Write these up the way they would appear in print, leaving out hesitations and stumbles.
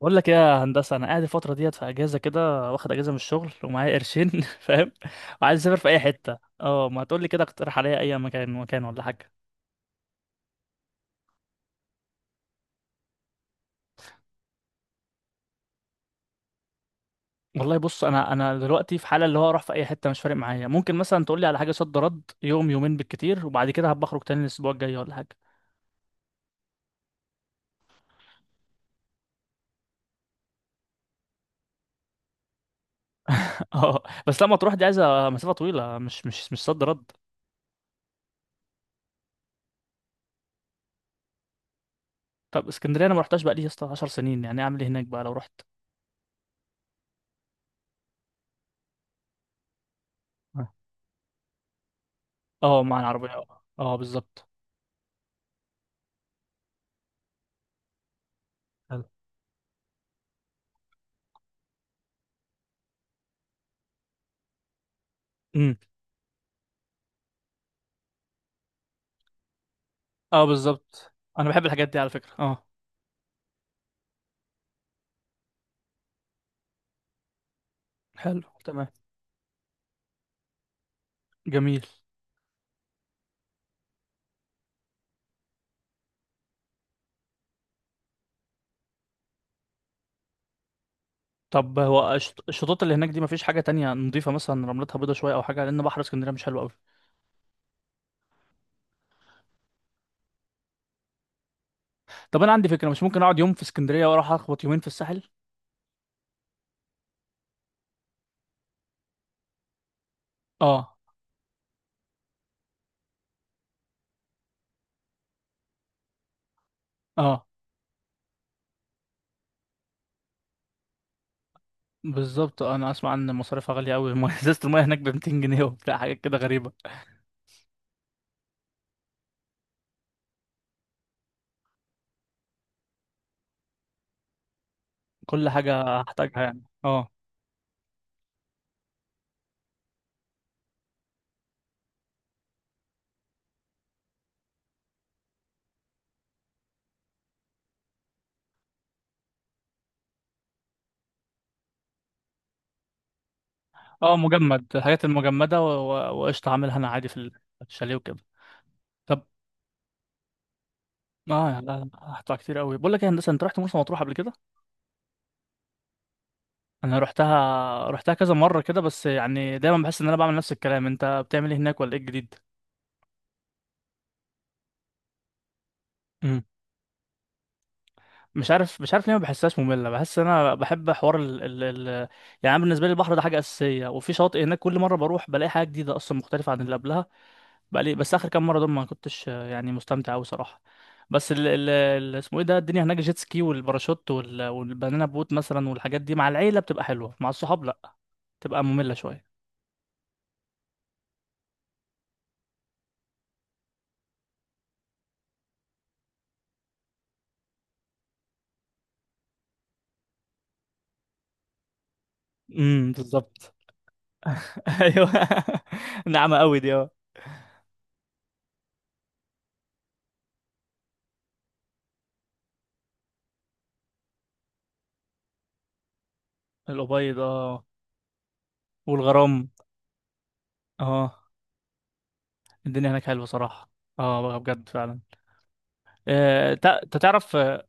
بقول لك ايه يا هندسه. انا قاعد الفتره ديت في اجازه كده، واخد اجازه من الشغل ومعايا قرشين فاهم؟ وعايز اسافر في اي حته، اه ما تقول لي كده، اقترح عليا اي مكان، ولا حاجه. والله بص، انا دلوقتي في حاله اللي هو اروح في اي حته، مش فارق معايا. ممكن مثلا تقول لي على حاجه صد رد، يوم يومين بالكتير، وبعد كده هبقى اخرج تاني الاسبوع الجاي ولا حاجه. اه بس لما تروح دي، عايزه مسافه طويله، مش صد رد. طب اسكندريه انا ما رحتهاش بقى لي يا اسطى 10 سنين، يعني اعمل ايه هناك بقى لو رحت؟ اه مع العربيه. اه بالظبط. حلو. اه بالظبط. انا بحب الحاجات دي على فكرة، اه. حلو تمام. جميل. طب هو الشطوط اللي هناك دي مفيش حاجة تانية نضيفة مثلا، رملتها بيضة شوية أو حاجة؟ لأن بحر اسكندرية مش حلو أوي. طب أنا عندي فكرة، مش ممكن أقعد يوم في اسكندرية وأروح أخبط يومين في الساحل؟ اه. اه بالظبط. أنا أسمع إن مصاريفها غالية أوي. إزازة المية هناك ب 200 جنيه، وبتاع حاجات كده غريبة. كل حاجة هحتاجها يعني، اه. اه مجمد، الحاجات المجمدة و- و- وقشطة هعملها أنا عادي في في الشاليه وكده. طب. اه لا لا. هدفع كتير أوي. بقول لك إيه يا هندسة، أنت رحت مرسى مطروح قبل كده؟ انا رحتها كذا مره كده، بس يعني دايما بحس ان انا بعمل نفس الكلام. انت بتعمل ايه هناك ولا ايه الجديد؟ امم. مش عارف ليه ما بحسهاش ممله، بحس ان انا بحب حوار ال... يعني أنا بالنسبه لي البحر ده حاجه اساسيه، وفي شاطئ هناك كل مره بروح بلاقي حاجه جديده اصلا مختلفه عن اللي قبلها. بلاقي بس اخر كام مره دول ما كنتش يعني مستمتع قوي صراحه. بس اسمه ايه ده، الدنيا هناك جيت سكي والباراشوت والبنانا بوت مثلا، والحاجات دي مع العيله بتبقى حلوه، مع الصحاب لا، بتبقى ممله شويه. بالظبط. ايوه. ناعمة قوي دي، اه. الأبيض، اه. والغرام، اه. الدنيا هناك حلوة صراحة. اه بقى بجد فعلا. انت تعرف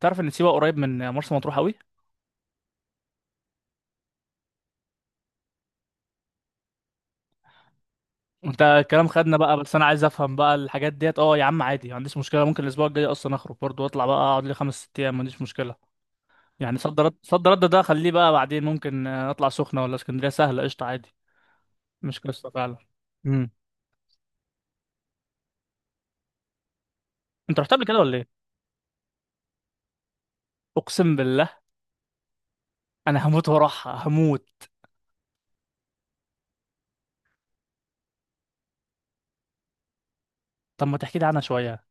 تعرف ان سيوة قريب من مرسى مطروح قوي؟ انت الكلام خدنا بقى، بس انا عايز افهم بقى الحاجات ديت. اه يا عم عادي، ما عنديش مشكلة. ممكن الاسبوع الجاي اصلا اخرج برضه واطلع بقى، اقعد لي خمس ست ايام، ما عنديش مشكلة. يعني صد رد ده خليه بقى بعدين، ممكن اطلع سخنة ولا اسكندرية سهلة قشطة عادي. مش قصة فعلا. امم. انت رحت قبل كده ولا ايه؟ اقسم بالله. انا هموت وراحها، هموت. طب ما تحكي لي عنها شوية.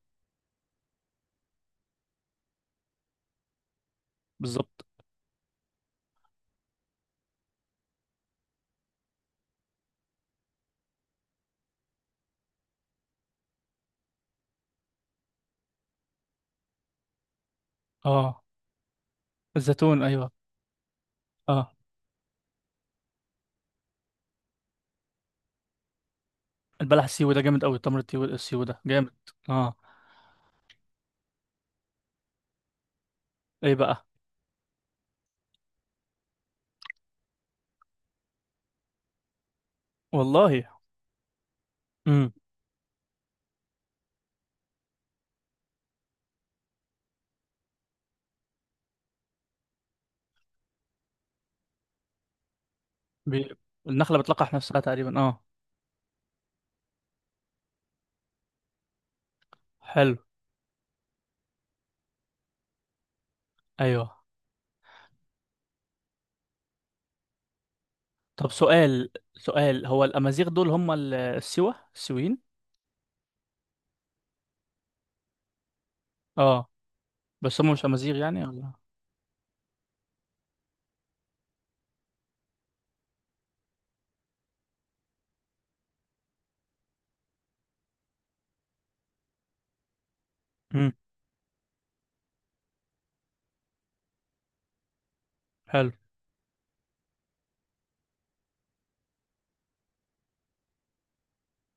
بالظبط. اه الزيتون ايوه. اه البلح السيوي ده جامد قوي. تمر السيوي ده جامد. اه. ايه بقى؟ والله. امم. بي... النخلة بتلقح نفسها تقريبا، اه. حلو. ايوه. طب سؤال، سؤال. هو الامازيغ دول هم السوا السويين؟ اه. بس هم مش امازيغ يعني ولا؟ امم. حلو.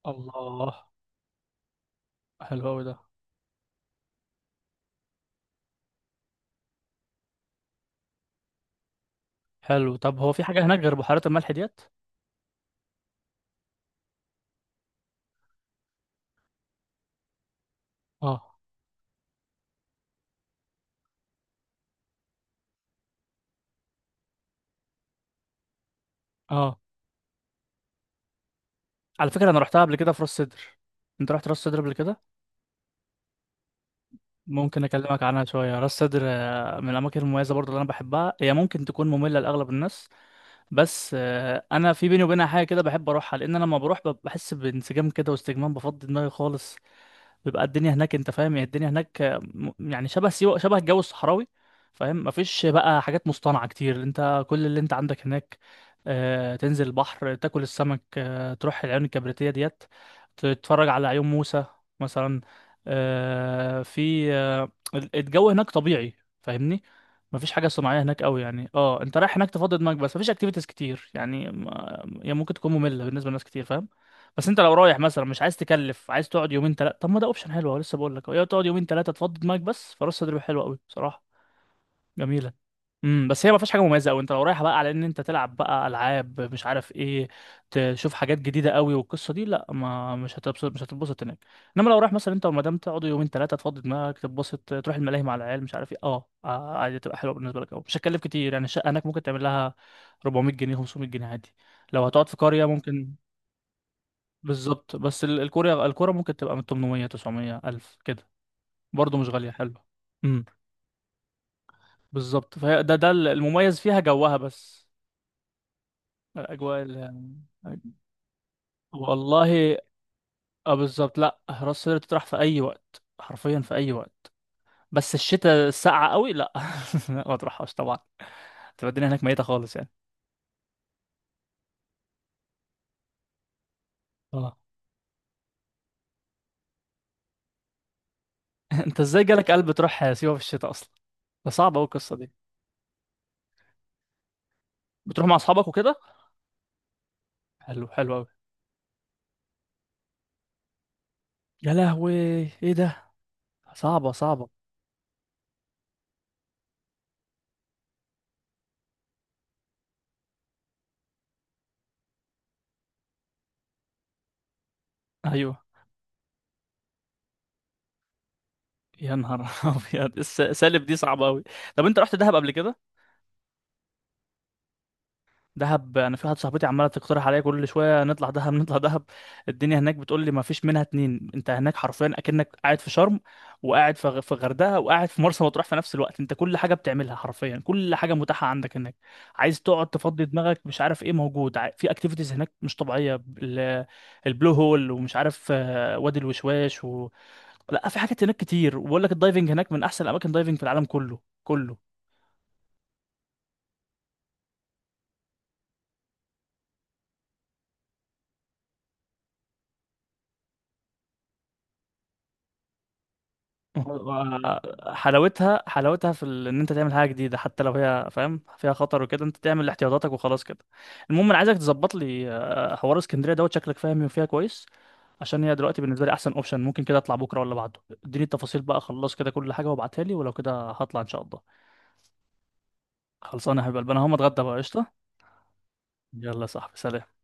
الله. حلو قوي ده. حلو. طب هو في حاجة هناك غير بحيرات الملح ديت؟ اه. اه على فكرة انا رحتها قبل كده في راس سدر. انت رحت راس سدر قبل كده؟ ممكن اكلمك عنها شويه. راس سدر من الاماكن المميزه برضو اللي انا بحبها. هي ممكن تكون ممله لاغلب الناس، بس انا في بيني وبينها حاجه كده، بحب اروحها لان انا لما بروح بحس بانسجام كده واستجمام، بفضي دماغي خالص. بيبقى الدنيا هناك، انت فاهم يعني، الدنيا هناك يعني شبه سيوة، شبه الجو الصحراوي. فاهم؟ مفيش بقى حاجات مصطنعة كتير. انت كل اللي انت عندك هناك، تنزل البحر، تاكل السمك، تروح العيون الكبريتية ديت، تتفرج على عيون موسى مثلا. في الجو هناك طبيعي، فاهمني؟ مفيش حاجة صناعية هناك قوي يعني. اه انت رايح هناك تفضي دماغك بس، مفيش اكتيفيتيز كتير يعني. هي ممكن تكون مملة بالنسبة لناس كتير، فاهم؟ بس انت لو رايح مثلا مش عايز تكلف، عايز تقعد يومين ثلاثه، طب ما ده اوبشن حلو أهو. لسه بقول لك، يا تقعد يومين ثلاثه تفضي دماغك بس، فراس تدريب حلوه قوي بصراحه، جميله. امم. بس هي ما فيهاش حاجه مميزه قوي. انت لو رايح بقى على ان انت تلعب بقى العاب مش عارف ايه، تشوف حاجات جديده قوي والقصه دي، لا، ما مش هتبسط مش هتتبسط هناك. انما لو رايح مثلا انت والمدام تقعدوا يومين ثلاثه، تفضي دماغك تتبسط، تروح الملاهي مع العيال مش عارف ايه، اه عادي تبقى حلوه بالنسبه لك قوي. مش هتكلف كتير يعني. الشقه هناك ممكن تعمل لها 400 جنيه 500 جنيه عادي، لو هتقعد في قريه ممكن. بالظبط. بس الكورة ممكن تبقى من 800 900 ألف كده، برضه مش غالية، حلوة. امم. بالظبط. فهي ده ده المميز فيها، جوها بس. الأجواء اللي. والله. اه بالظبط. لا راس سدر تطرح في أي وقت، حرفيا في أي وقت. بس الشتاء الساقعة قوي، لا لا، ما تروحهاش طبعا. تبقى الدنيا هناك ميتة خالص يعني. اه. انت ازاي جالك قلب تروح سيوة في الشتاء أصلا؟ ده صعب أوي القصة دي. بتروح مع أصحابك وكده. حلو. حلو أوي. يا لهوي، ايه ده؟ صعبة صعبة. ايوه. يا نهار ابيض. سالب دي صعبه قوي. طب انت رحت دهب قبل كده؟ دهب. انا في واحده صاحبتي عماله تقترح عليا كل شويه، نطلع دهب نطلع دهب. الدنيا هناك بتقول لي ما فيش منها اتنين، انت هناك حرفيا اكنك قاعد في شرم، وقاعد في في غردقه، وقاعد في مرسى مطروح في نفس الوقت. انت كل حاجه بتعملها، حرفيا كل حاجه متاحه عندك هناك. عايز تقعد تفضي دماغك، مش عارف ايه. موجود في اكتيفيتيز هناك مش طبيعيه. البلو هول، ومش عارف وادي الوشواش. لا في حاجات هناك كتير، وبقول لك الدايفنج هناك من احسن الاماكن دايفنج في العالم كله كله. حلاوتها في ان انت تعمل حاجه جديده، حتى لو هي فاهم فيها خطر وكده، انت تعمل احتياطاتك وخلاص كده. المهم انا عايزك تظبط لي حوار اسكندريه دوت، شكلك فاهم فيها كويس، عشان هي دلوقتي بالنسبه لي احسن اوبشن. ممكن كده اطلع بكره ولا بعده، اديني التفاصيل بقى، خلص كده كل حاجه وابعتها لي، ولو كده هطلع ان شاء الله. خلصانه يا حبيب قلبي. انا هقوم اتغدى بقى، قشطه. يلا يا صاحبي، سلام.